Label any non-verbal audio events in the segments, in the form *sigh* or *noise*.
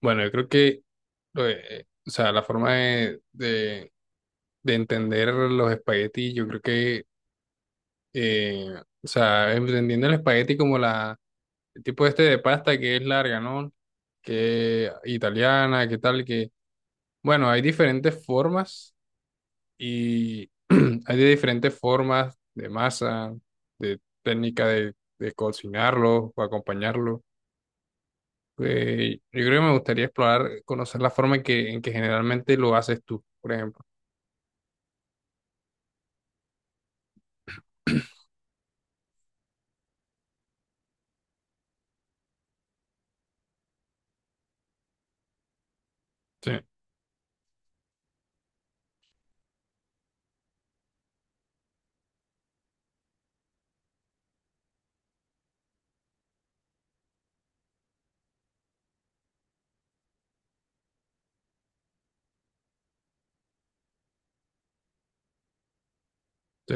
Bueno, yo creo que la forma de entender los espaguetis, yo creo que, eh, entendiendo el espagueti como el tipo este de pasta que es larga, ¿no? Que italiana, que tal, bueno, hay diferentes formas y *clears throat* hay de diferentes formas de masa, de técnica de cocinarlo o acompañarlo. Yo creo que me gustaría explorar, conocer la forma en que generalmente lo haces tú, por ejemplo. Sí, sí,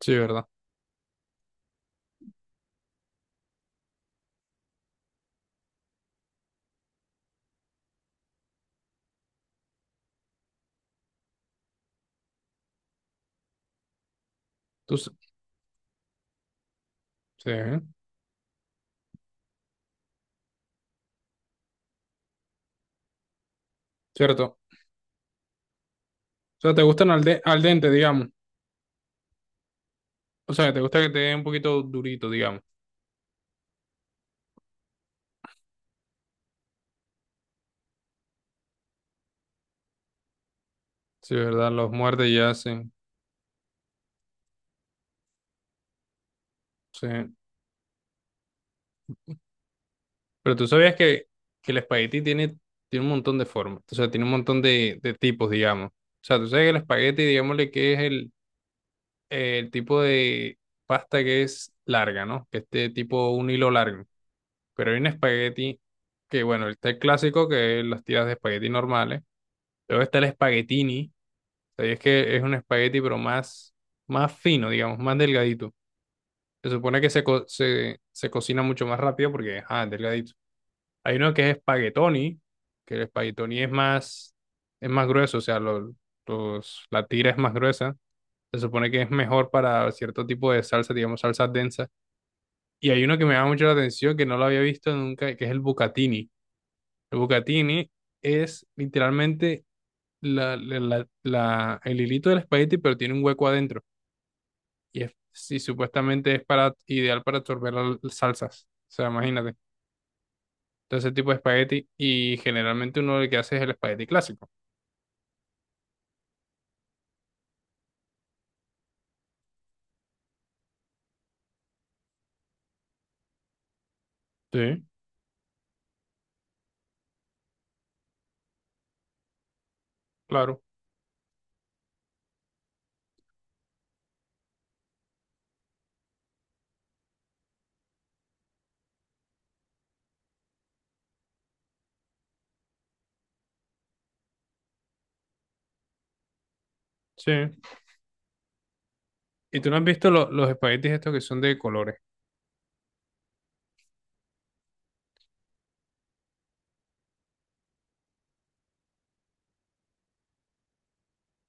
sí, ¿verdad? Tú, s- sí, cierto. O sea, te gustan al dente, digamos. O sea, te gusta que te den un poquito durito, digamos. Sí, ¿verdad? Los muerdes ya. Sí. Sí. Pero tú sabías que el espagueti tiene un montón de formas. O sea, tiene un montón de tipos, digamos. O sea, tú sabes que el espagueti, digámosle que es el tipo de pasta que es larga, ¿no? Que es de tipo un hilo largo. Pero hay un espagueti bueno, está el clásico que es las tiras de espagueti normales. Luego está el espaguetini, o sea, y es que es un espagueti pero más fino, digamos, más delgadito. Se supone que se cocina mucho más rápido porque, ah, es delgadito. Hay uno que es espaguetoni, que el espaguetoni es es más grueso, o sea, los, la tira es más gruesa. Se supone que es mejor para cierto tipo de salsa, digamos, salsa densa. Y hay uno que me llama mucho la atención, que no lo había visto nunca, que es el bucatini. El bucatini es literalmente el hilito del espagueti, pero tiene un hueco adentro. Y, es, y supuestamente es para, ideal para absorber las salsas. O sea, imagínate. Entonces, ese tipo de espagueti. Y generalmente uno lo que hace es el espagueti clásico. Sí, claro. Sí. ¿Y tú no has visto los espaguetis estos que son de colores?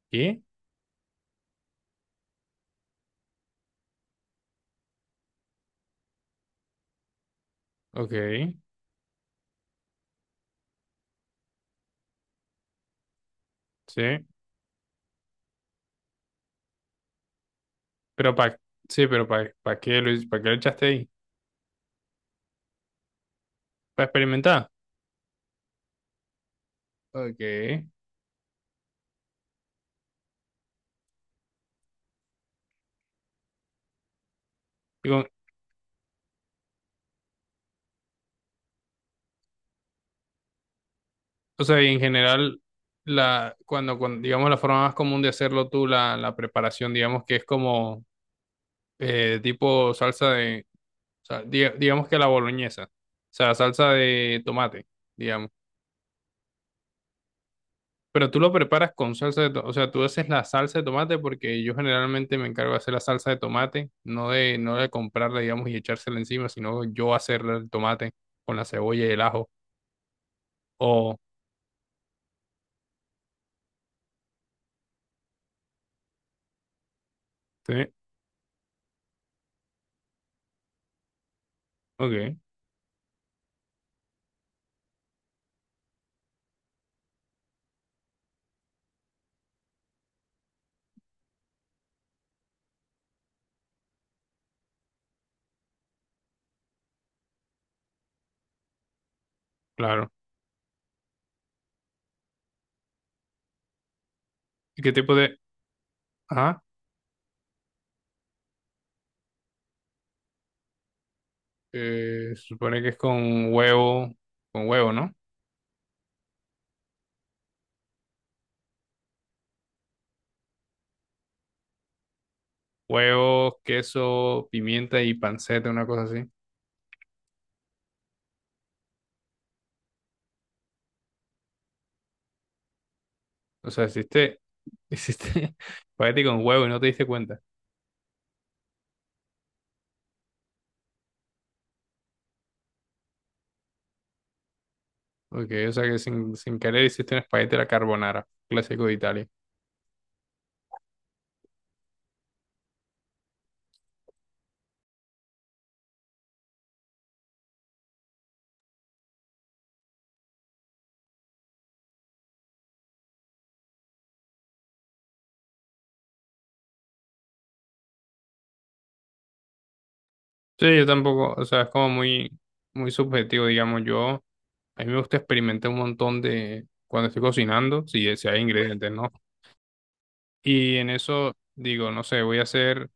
¿Qué? Ok. Sí. Pero para sí, pero para qué, Luis? ¿Para qué lo echaste ahí? ¿Para experimentar? Ok. Con, O sea, y en general, cuando, digamos, la forma más común de hacerlo la preparación, digamos que es como tipo salsa de, digamos que la boloñesa, o sea, salsa de tomate, digamos. Pero tú lo preparas con salsa de tomate, o sea, tú haces la salsa de tomate porque yo generalmente me encargo de hacer la salsa de tomate, no no de comprarla, digamos, y echársela encima, sino yo hacerle el tomate con la cebolla y el ajo. O, sí, ok, claro. ¿Y qué tipo de... Ajá. Se supone que es con huevo, ¿no? Huevo, queso, pimienta y panceta, una cosa así. O sea, hiciste, *laughs* hiciste espagueti con huevo y no te diste cuenta. Porque, o sea, que sin querer hiciste un espagueti a la carbonara, clásico de Italia. Sí, yo tampoco, o sea, es como muy subjetivo, digamos. Yo, a mí me gusta experimentar un montón de, cuando estoy cocinando, si hay ingredientes, ¿no? Y en eso digo, no sé, voy a hacer.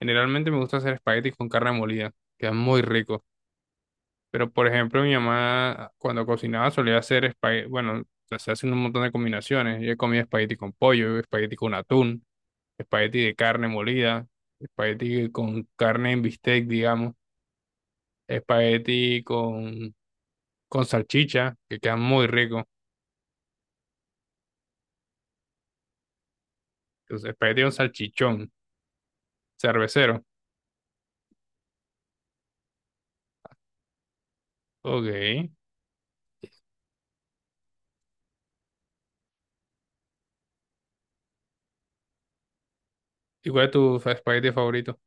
Generalmente me gusta hacer espaguetis con carne molida, queda muy rico. Pero por ejemplo, mi mamá cuando cocinaba solía hacer espagueti, bueno, se hacen un montón de combinaciones. Yo he comido espagueti con pollo, espagueti con atún, espagueti de carne molida, espagueti con carne en bistec, digamos, espagueti con, con salchicha, que queda muy rico. Entonces, espagueti con salchichón, cervecero. Ok. ¿Y cuál es tu espagueti favorito?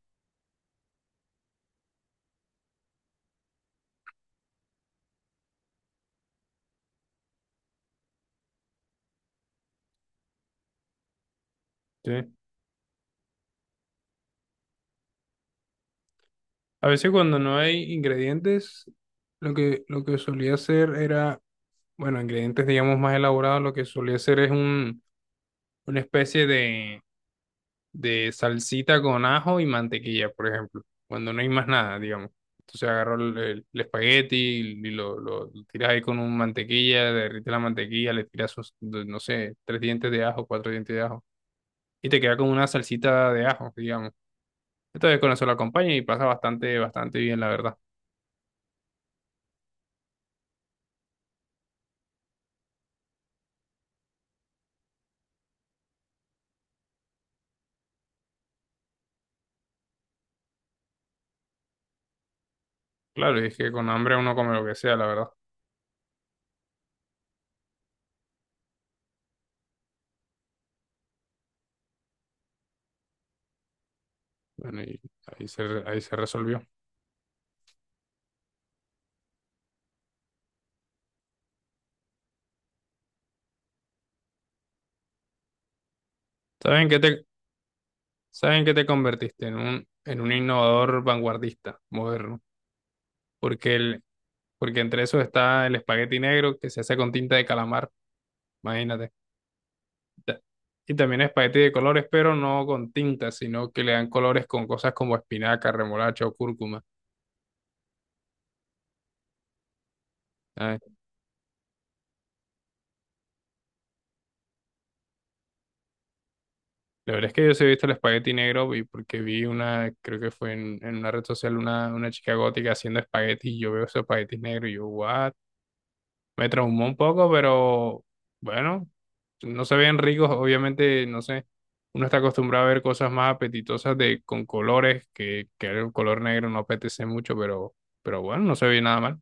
Sí. A veces cuando no hay ingredientes, lo que solía hacer era, bueno, ingredientes digamos más elaborados, lo que solía hacer es una especie de salsita con ajo y mantequilla, por ejemplo, cuando no hay más nada, digamos. Entonces agarro el espagueti y, lo tiras ahí con un mantequilla, derrite la mantequilla, le tiras, sus, no sé, tres dientes de ajo, cuatro dientes de ajo, y te queda como una salsita de ajo, digamos. Entonces con eso lo acompaña y pasa bastante, bastante bien, la verdad. Claro, y es que con hambre uno come lo que sea, la verdad. Bueno, y ahí se resolvió. ¿Saben qué te, saben qué te convertiste? En en un innovador vanguardista, moderno. Porque, el, porque entre eso está el espagueti negro que se hace con tinta de calamar, imagínate. Ta- Y también espagueti de colores, pero no con tinta, sino que le dan colores con cosas como espinaca, remolacha o cúrcuma. Ah, la verdad es que yo sí he visto el espagueti negro y porque vi una, creo que fue en una red social, una chica gótica haciendo espagueti y yo veo esos espaguetis negros y yo, what? Me traumó un poco, pero bueno, no se ven ricos, obviamente, no sé. Uno está acostumbrado a ver cosas más apetitosas de, con colores, que el color negro no apetece mucho, pero bueno, no se ve nada mal.